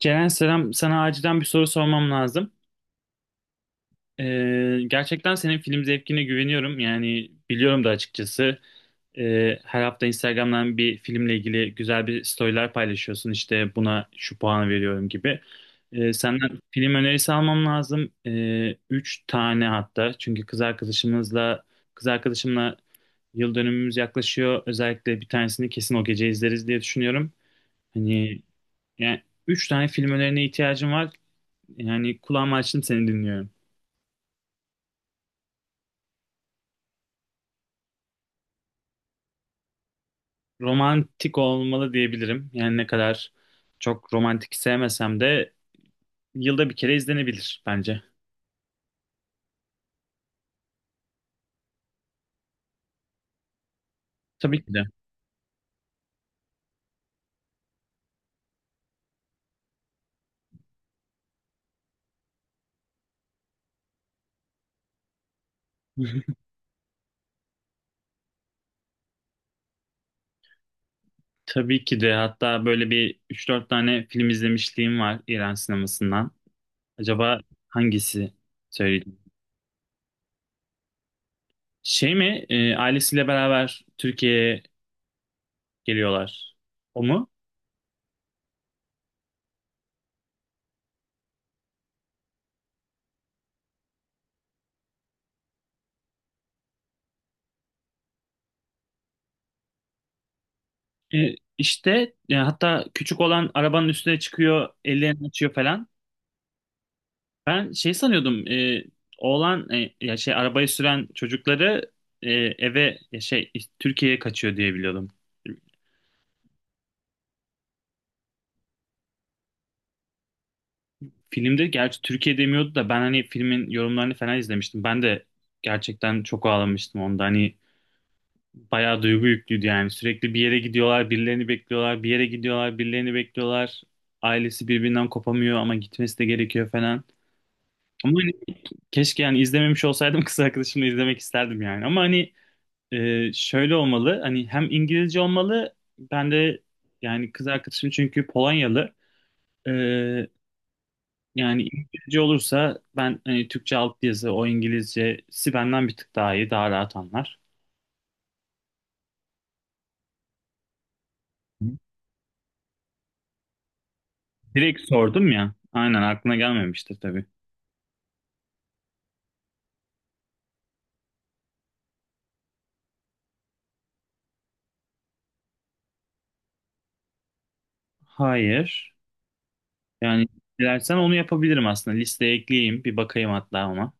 Ceren selam. Sana acilen bir soru sormam lazım. Gerçekten senin film zevkine güveniyorum. Yani biliyorum da açıkçası. Her hafta Instagram'dan bir filmle ilgili güzel bir storyler paylaşıyorsun. İşte buna şu puanı veriyorum gibi. Senden film önerisi almam lazım. Üç tane hatta. Çünkü kız arkadaşımla yıl dönümümüz yaklaşıyor. Özellikle bir tanesini kesin o gece izleriz diye düşünüyorum. Hani yani üç tane film önerine ihtiyacım var. Yani kulağımı açtım seni dinliyorum. Romantik olmalı diyebilirim. Yani ne kadar çok romantik sevmesem de yılda bir kere izlenebilir bence. Tabii ki de. Tabii ki de. Hatta böyle bir üç dört tane film izlemişliğim var İran sinemasından. Acaba hangisi söyleyeyim? Şey mi? Ailesiyle beraber Türkiye'ye geliyorlar. O mu? İşte hatta küçük olan arabanın üstüne çıkıyor, ellerini açıyor falan. Ben şey sanıyordum, oğlan, ya şey arabayı süren çocukları, eve ya şey Türkiye'ye kaçıyor diye biliyordum. Filmde gerçi Türkiye demiyordu da ben hani filmin yorumlarını falan izlemiştim. Ben de gerçekten çok ağlamıştım onda. Hani bayağı duygu yüklüydü yani. Sürekli bir yere gidiyorlar, birilerini bekliyorlar, bir yere gidiyorlar, birilerini bekliyorlar. Ailesi birbirinden kopamıyor ama gitmesi de gerekiyor falan. Ama hani keşke yani izlememiş olsaydım kız arkadaşımla izlemek isterdim yani. Ama hani şöyle olmalı, hani hem İngilizce olmalı, ben de yani kız arkadaşım çünkü Polonyalı. Ee, Yani İngilizce olursa ben hani Türkçe alt yazı, o İngilizcesi benden bir tık daha iyi, daha rahat anlar. Hı. Direkt sordum ya, aynen aklına gelmemiştir tabii. Hayır, yani dilersen onu yapabilirim aslında, listeye ekleyeyim bir bakayım hatta ama.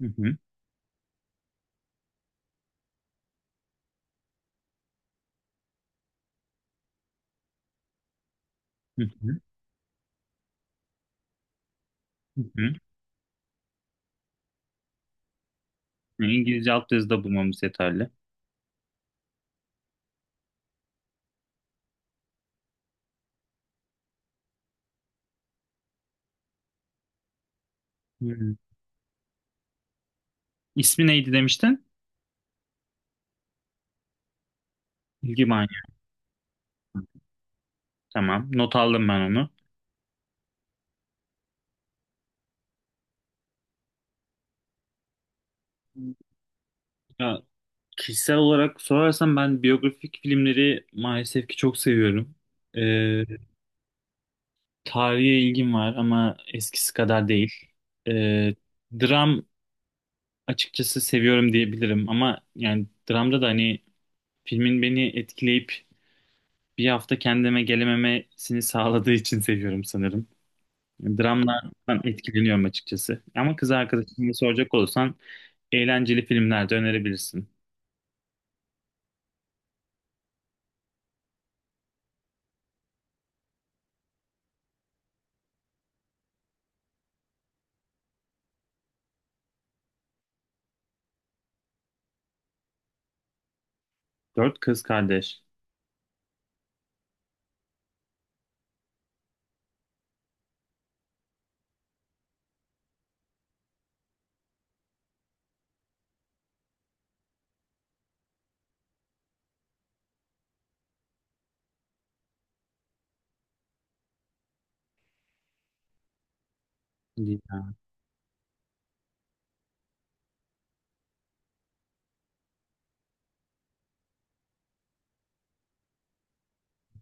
Hı hı, hı hı, hı hı. İngilizce alt da bulmamız yeterli. Hı hı. İsmi neydi demiştin? İlgi. Tamam. Not aldım ben onu. Ya, kişisel olarak sorarsan ben biyografik filmleri maalesef ki çok seviyorum. Ee, Tarihe ilgim var ama eskisi kadar değil. Ee, Dram açıkçası seviyorum diyebilirim, ama yani dramda da hani filmin beni etkileyip bir hafta kendime gelememesini sağladığı için seviyorum sanırım. Dramlardan etkileniyorum açıkçası. Ama kız arkadaşına soracak olursan eğlenceli filmler de önerebilirsin. Dört Kız Kardeş. Değil ya.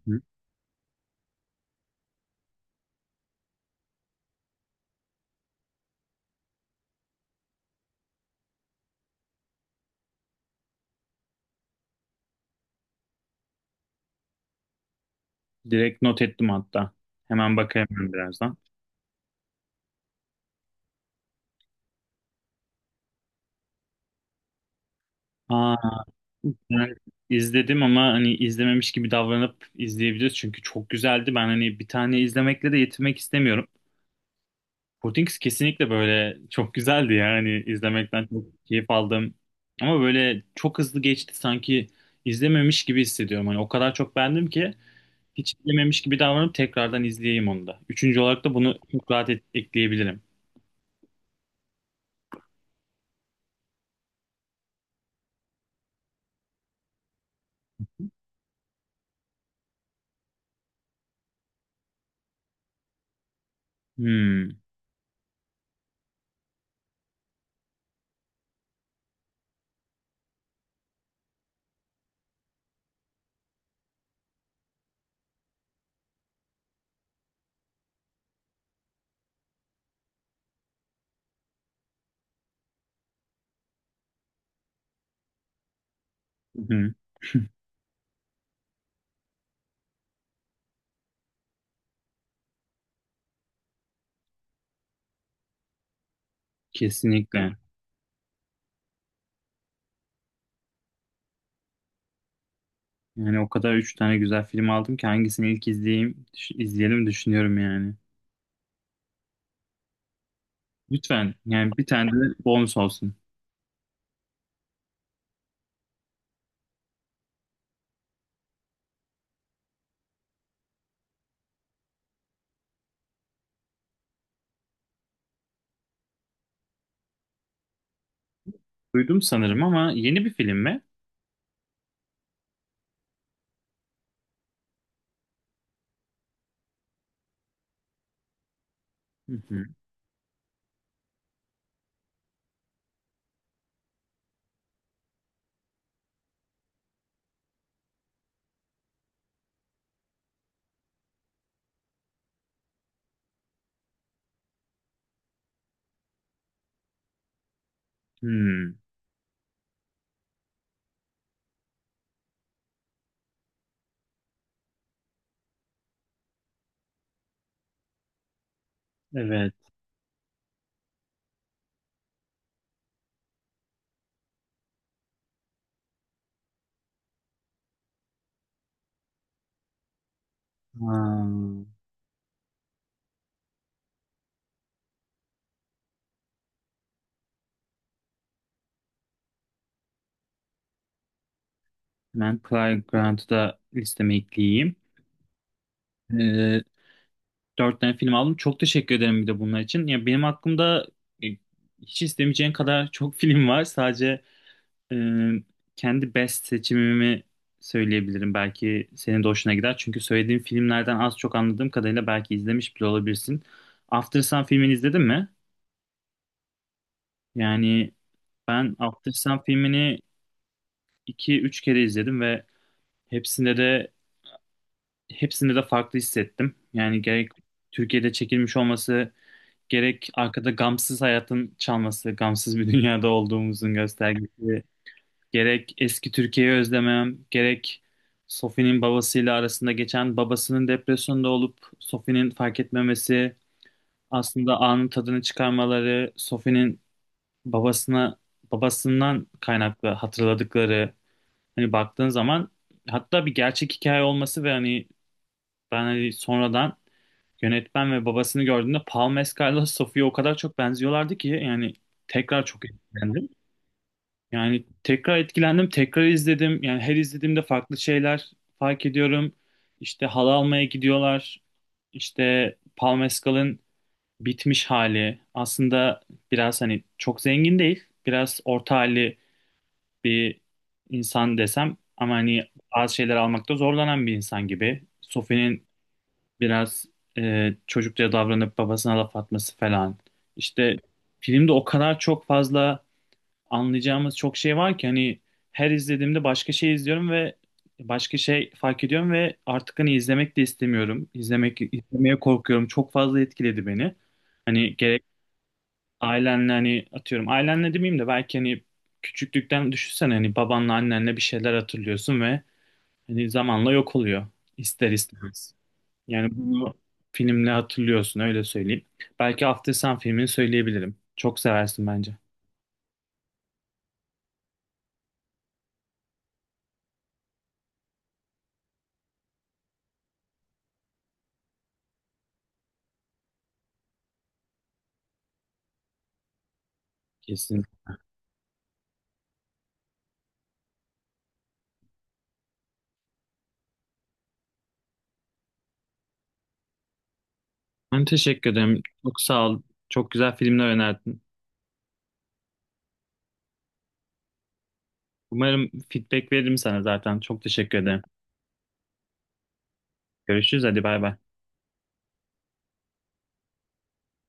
Hı. Direkt not ettim hatta. Hemen bakayım ben birazdan. Aa, ben izledim ama hani izlememiş gibi davranıp izleyebiliriz. Çünkü çok güzeldi. Ben hani bir tane izlemekle de yetinmek istemiyorum. Portings kesinlikle böyle çok güzeldi ya. Hani izlemekten çok keyif aldım. Ama böyle çok hızlı geçti, sanki izlememiş gibi hissediyorum. Hani o kadar çok beğendim ki hiç izlememiş gibi davranıp tekrardan izleyeyim onu da. Üçüncü olarak da bunu çok rahat ekleyebilirim. Hmm. Hı hı. Kesinlikle. Yani o kadar üç tane güzel film aldım ki hangisini ilk izleyeyim, izleyelim düşünüyorum yani. Lütfen yani bir tane de bonus olsun. Duydum sanırım ama yeni bir film mi? Hı hı. Hmm. Evet. Ha. Hemen Cary Grant'ı da listeme ekleyeyim. Ee, Dört tane film aldım. Çok teşekkür ederim bir de bunlar için. Ya benim aklımda e, hiç istemeyeceğin kadar çok film var. Sadece Ee, kendi best seçimimi söyleyebilirim. Belki senin de hoşuna gider. Çünkü söylediğim filmlerden az çok anladığım kadarıyla belki izlemiş bile olabilirsin. After Sun filmini izledin mi? Yani ben After Sun filmini iki üç kere izledim ve hepsinde de hepsinde de farklı hissettim. Yani gerek Türkiye'de çekilmiş olması, gerek arkada gamsız hayatın çalması, gamsız bir dünyada olduğumuzun göstergesi, gerek eski Türkiye'yi özlemem, gerek Sophie'nin babasıyla arasında geçen, babasının depresyonda olup Sophie'nin fark etmemesi, aslında anın tadını çıkarmaları, Sophie'nin babasına, babasından kaynaklı hatırladıkları, hani baktığın zaman, hatta bir gerçek hikaye olması ve hani ben hani sonradan yönetmen ve babasını gördüğümde Paul Mescal'la Sophie'ye o kadar çok benziyorlardı ki yani tekrar çok etkilendim. Yani tekrar etkilendim, tekrar izledim. Yani her izlediğimde farklı şeyler fark ediyorum. İşte halı almaya gidiyorlar. İşte Paul Mescal'ın bitmiş hali. Aslında biraz hani çok zengin değil. Biraz orta halli bir insan desem. Ama hani bazı şeyler almakta zorlanan bir insan gibi. Sophie'nin biraz, çocukça davranıp babasına laf atması falan. İşte filmde o kadar çok fazla anlayacağımız çok şey var ki hani her izlediğimde başka şey izliyorum ve başka şey fark ediyorum ve artık hani izlemek de istemiyorum. İzlemek, izlemeye korkuyorum. Çok fazla etkiledi beni. Hani gerek ailenle, hani atıyorum ailenle demeyeyim de belki hani küçüklükten düşünsene, hani babanla annenle bir şeyler hatırlıyorsun ve hani zamanla yok oluyor ister istemez. Yani bunu filmle hatırlıyorsun, öyle söyleyeyim. Belki After Sun filmini söyleyebilirim. Çok seversin bence. Kesin. Ben teşekkür ederim. Çok sağ ol. Çok güzel filmler önerdin. Umarım feedback veririm sana zaten. Çok teşekkür ederim. Görüşürüz. Hadi bay bay.